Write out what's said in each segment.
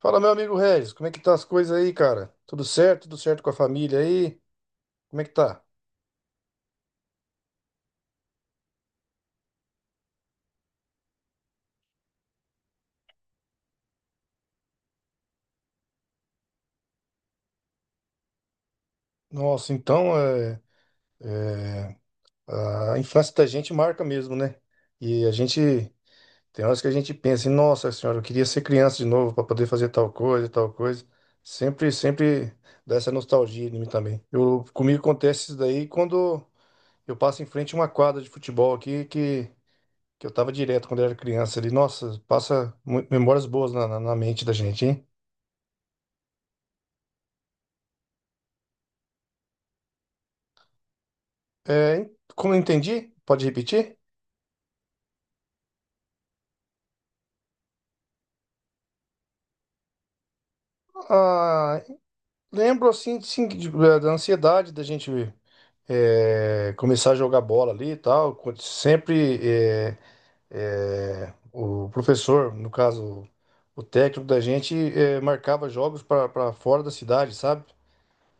Fala, meu amigo Regis, como é que tá as coisas aí, cara? Tudo certo? Tudo certo com a família aí? Como é que tá? Nossa, a infância da gente marca mesmo, né? E a gente tem horas que a gente pensa, nossa senhora, eu queria ser criança de novo para poder fazer tal coisa, tal coisa. Sempre dá essa nostalgia em mim também. Eu, comigo acontece isso daí quando eu passo em frente a uma quadra de futebol aqui que eu tava direto quando eu era criança ali. Nossa, passa memórias boas na mente da gente, hein? É, como eu entendi, pode repetir? Ah, lembro assim, sim, da ansiedade da gente começar a jogar bola ali e tal. Quando Sempre é, é, O professor, no caso o técnico da gente, marcava jogos para fora da cidade, sabe?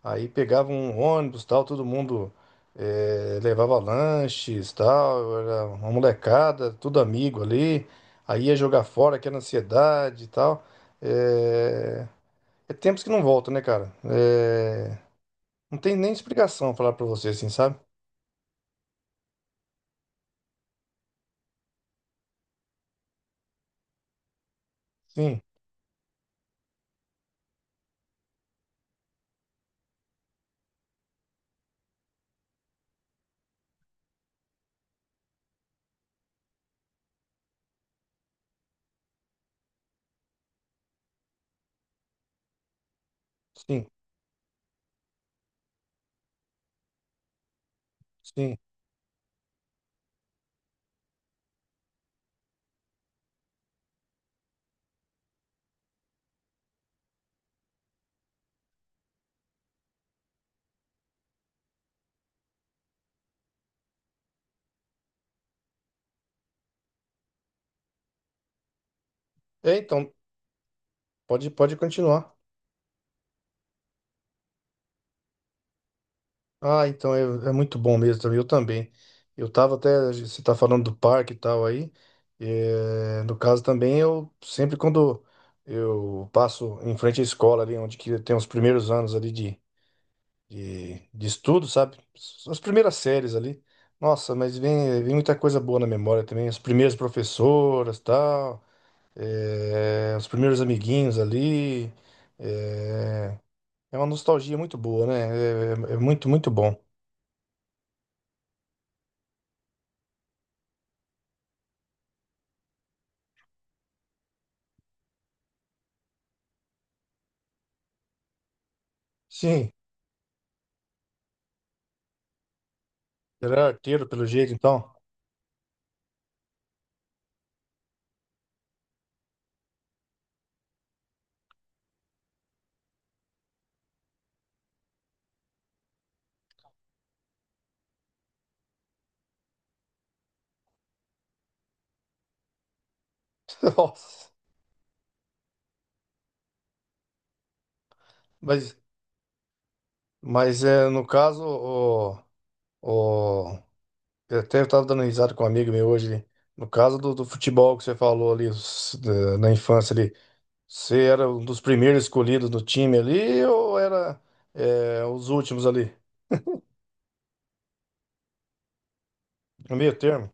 Aí pegava um ônibus, tal, todo mundo levava lanches, tal, era uma molecada, tudo amigo ali. Aí ia jogar fora, aquela ansiedade e tal. Eh, Tempos que não voltam, né, cara? Não tem nem explicação falar pra você assim, sabe? Sim, sim, sim. É, então, pode continuar. Ah, então é, é muito bom mesmo também. Eu também. Eu tava até. Você tá falando do parque e tal aí. No caso também, eu sempre quando eu passo em frente à escola ali, onde que tem os primeiros anos ali de estudo, sabe? As primeiras séries ali. Nossa, mas vem muita coisa boa na memória também. As primeiras professoras e tal. Os primeiros amiguinhos ali. eh, É uma nostalgia muito boa, né? É muito, muito bom. Sim. Era arteiro, pelo jeito, então. Nossa. Mas, mas é, no caso, o, Eu até estava dando risada com um amigo meu hoje ali. No caso do futebol que você falou ali, na infância ali, você era um dos primeiros escolhidos do time ali ou era os últimos ali? No meio termo.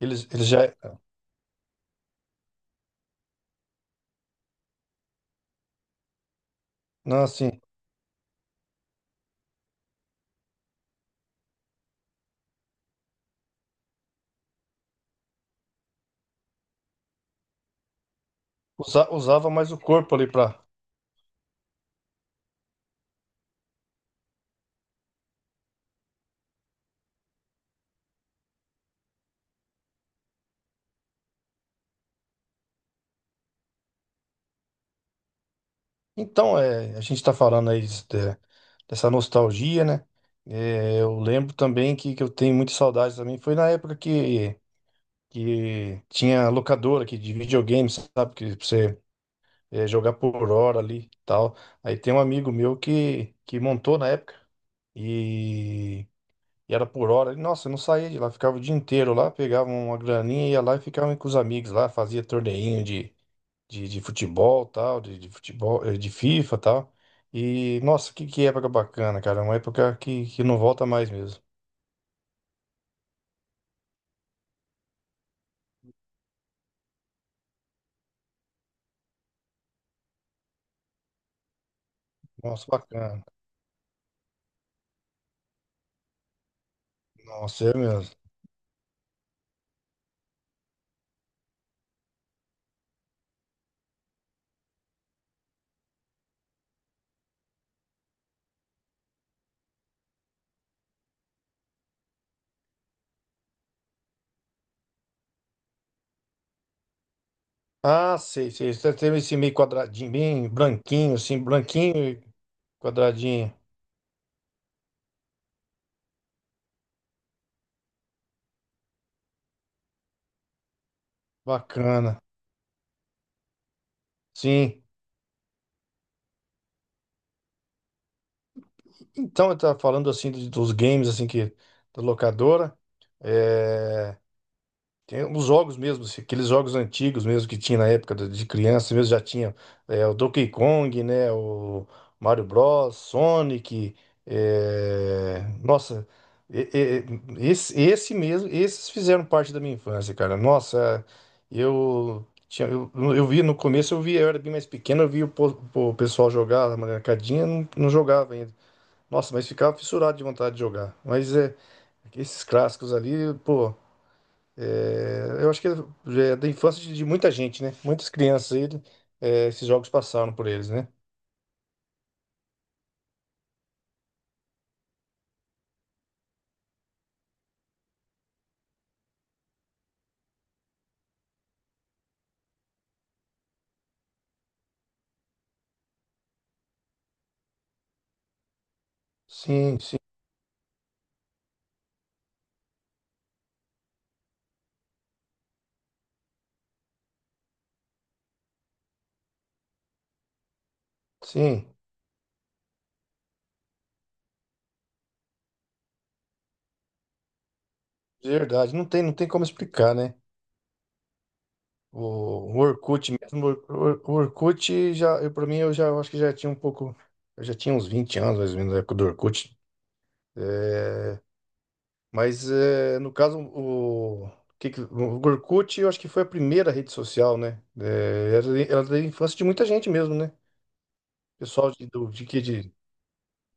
Eles, eles já. ah, Não, assim, usava mais o corpo ali para. Então, é, a gente está falando aí dessa nostalgia, né? É, eu lembro também que eu tenho muita saudade também. Foi na época que tinha locadora aqui de videogame, sabe? Que pra você jogar por hora ali e tal. Aí tem um amigo meu que montou na época. E era por hora. E, nossa, eu não saía de lá, ficava o dia inteiro lá, pegava uma graninha, ia lá e ficava com os amigos lá, fazia torneinho de futebol, tal, de futebol, de FIFA, tal. E, nossa, que época bacana, cara. Uma época que não volta mais mesmo. Nossa, bacana. Nossa, é mesmo. Ah, sei, sei. Você teve esse meio quadradinho, bem branquinho, assim, branquinho e quadradinho. Bacana. Sim. Então, eu tava falando, assim, dos games, assim, que da locadora. É... Tem os jogos mesmo, assim, aqueles jogos antigos mesmo que tinha na época de criança mesmo, já tinha o Donkey Kong, né? O Mario Bros, Sonic. Nossa, e- esse, esse mesmo, esses fizeram parte da minha infância, cara. Nossa, eu vi no começo, eu vi, eu era bem mais pequeno, eu vi o pessoal jogar na marcadinha, não, não jogava ainda. Nossa, mas ficava fissurado de vontade de jogar. Mas é, esses clássicos ali, pô. É, eu acho que é da infância de muita gente, né? Muitas crianças aí, esses jogos passaram por eles, né? Sim, sim, sim. De verdade. Não tem como explicar, né? O, o Orkut mesmo, o Orkut já, pra mim, eu acho que já tinha um pouco. Eu já tinha uns 20 anos, mais ou menos, na época do Orkut. É, mas é, no caso, o, que que- o Orkut eu acho que foi a primeira rede social, né? Era da infância de muita gente mesmo, né? Pessoal de, do, de, que- de,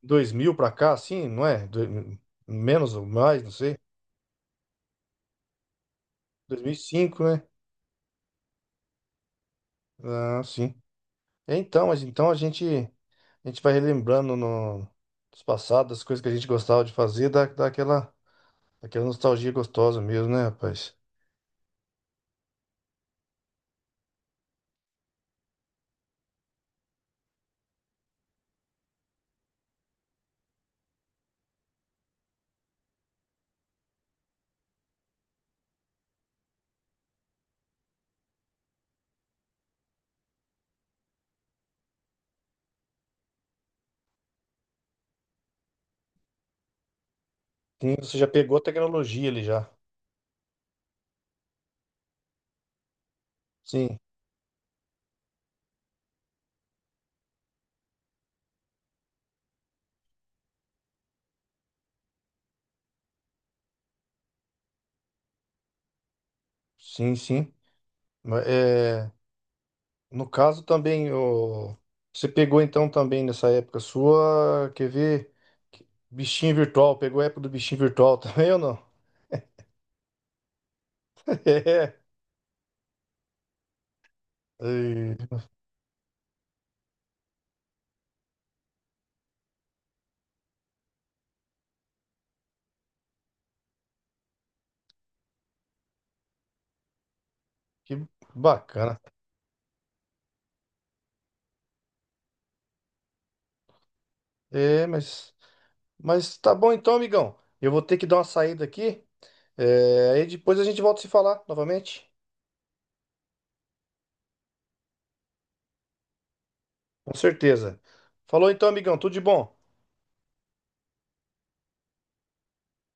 2000 pra cá, assim, não é? Menos ou mais, não sei. 2005, né? Ah, sim. É, então, a gente vai relembrando no dos passados, das coisas que a gente gostava de fazer, dá aquela, aquela nostalgia gostosa mesmo, né, rapaz? Sim, você já pegou a tecnologia ali já. Sim, sim, sim. Mas, É, no caso também, você pegou então também nessa época sua, quer ver? Bichinho virtual, pegou a época do bichinho virtual também ou não? É, Ei, que bacana. É, mas tá bom então, amigão. Eu vou ter que dar uma saída aqui. É, aí depois a gente volta a se falar novamente. Com certeza. Falou então, amigão. Tudo de bom.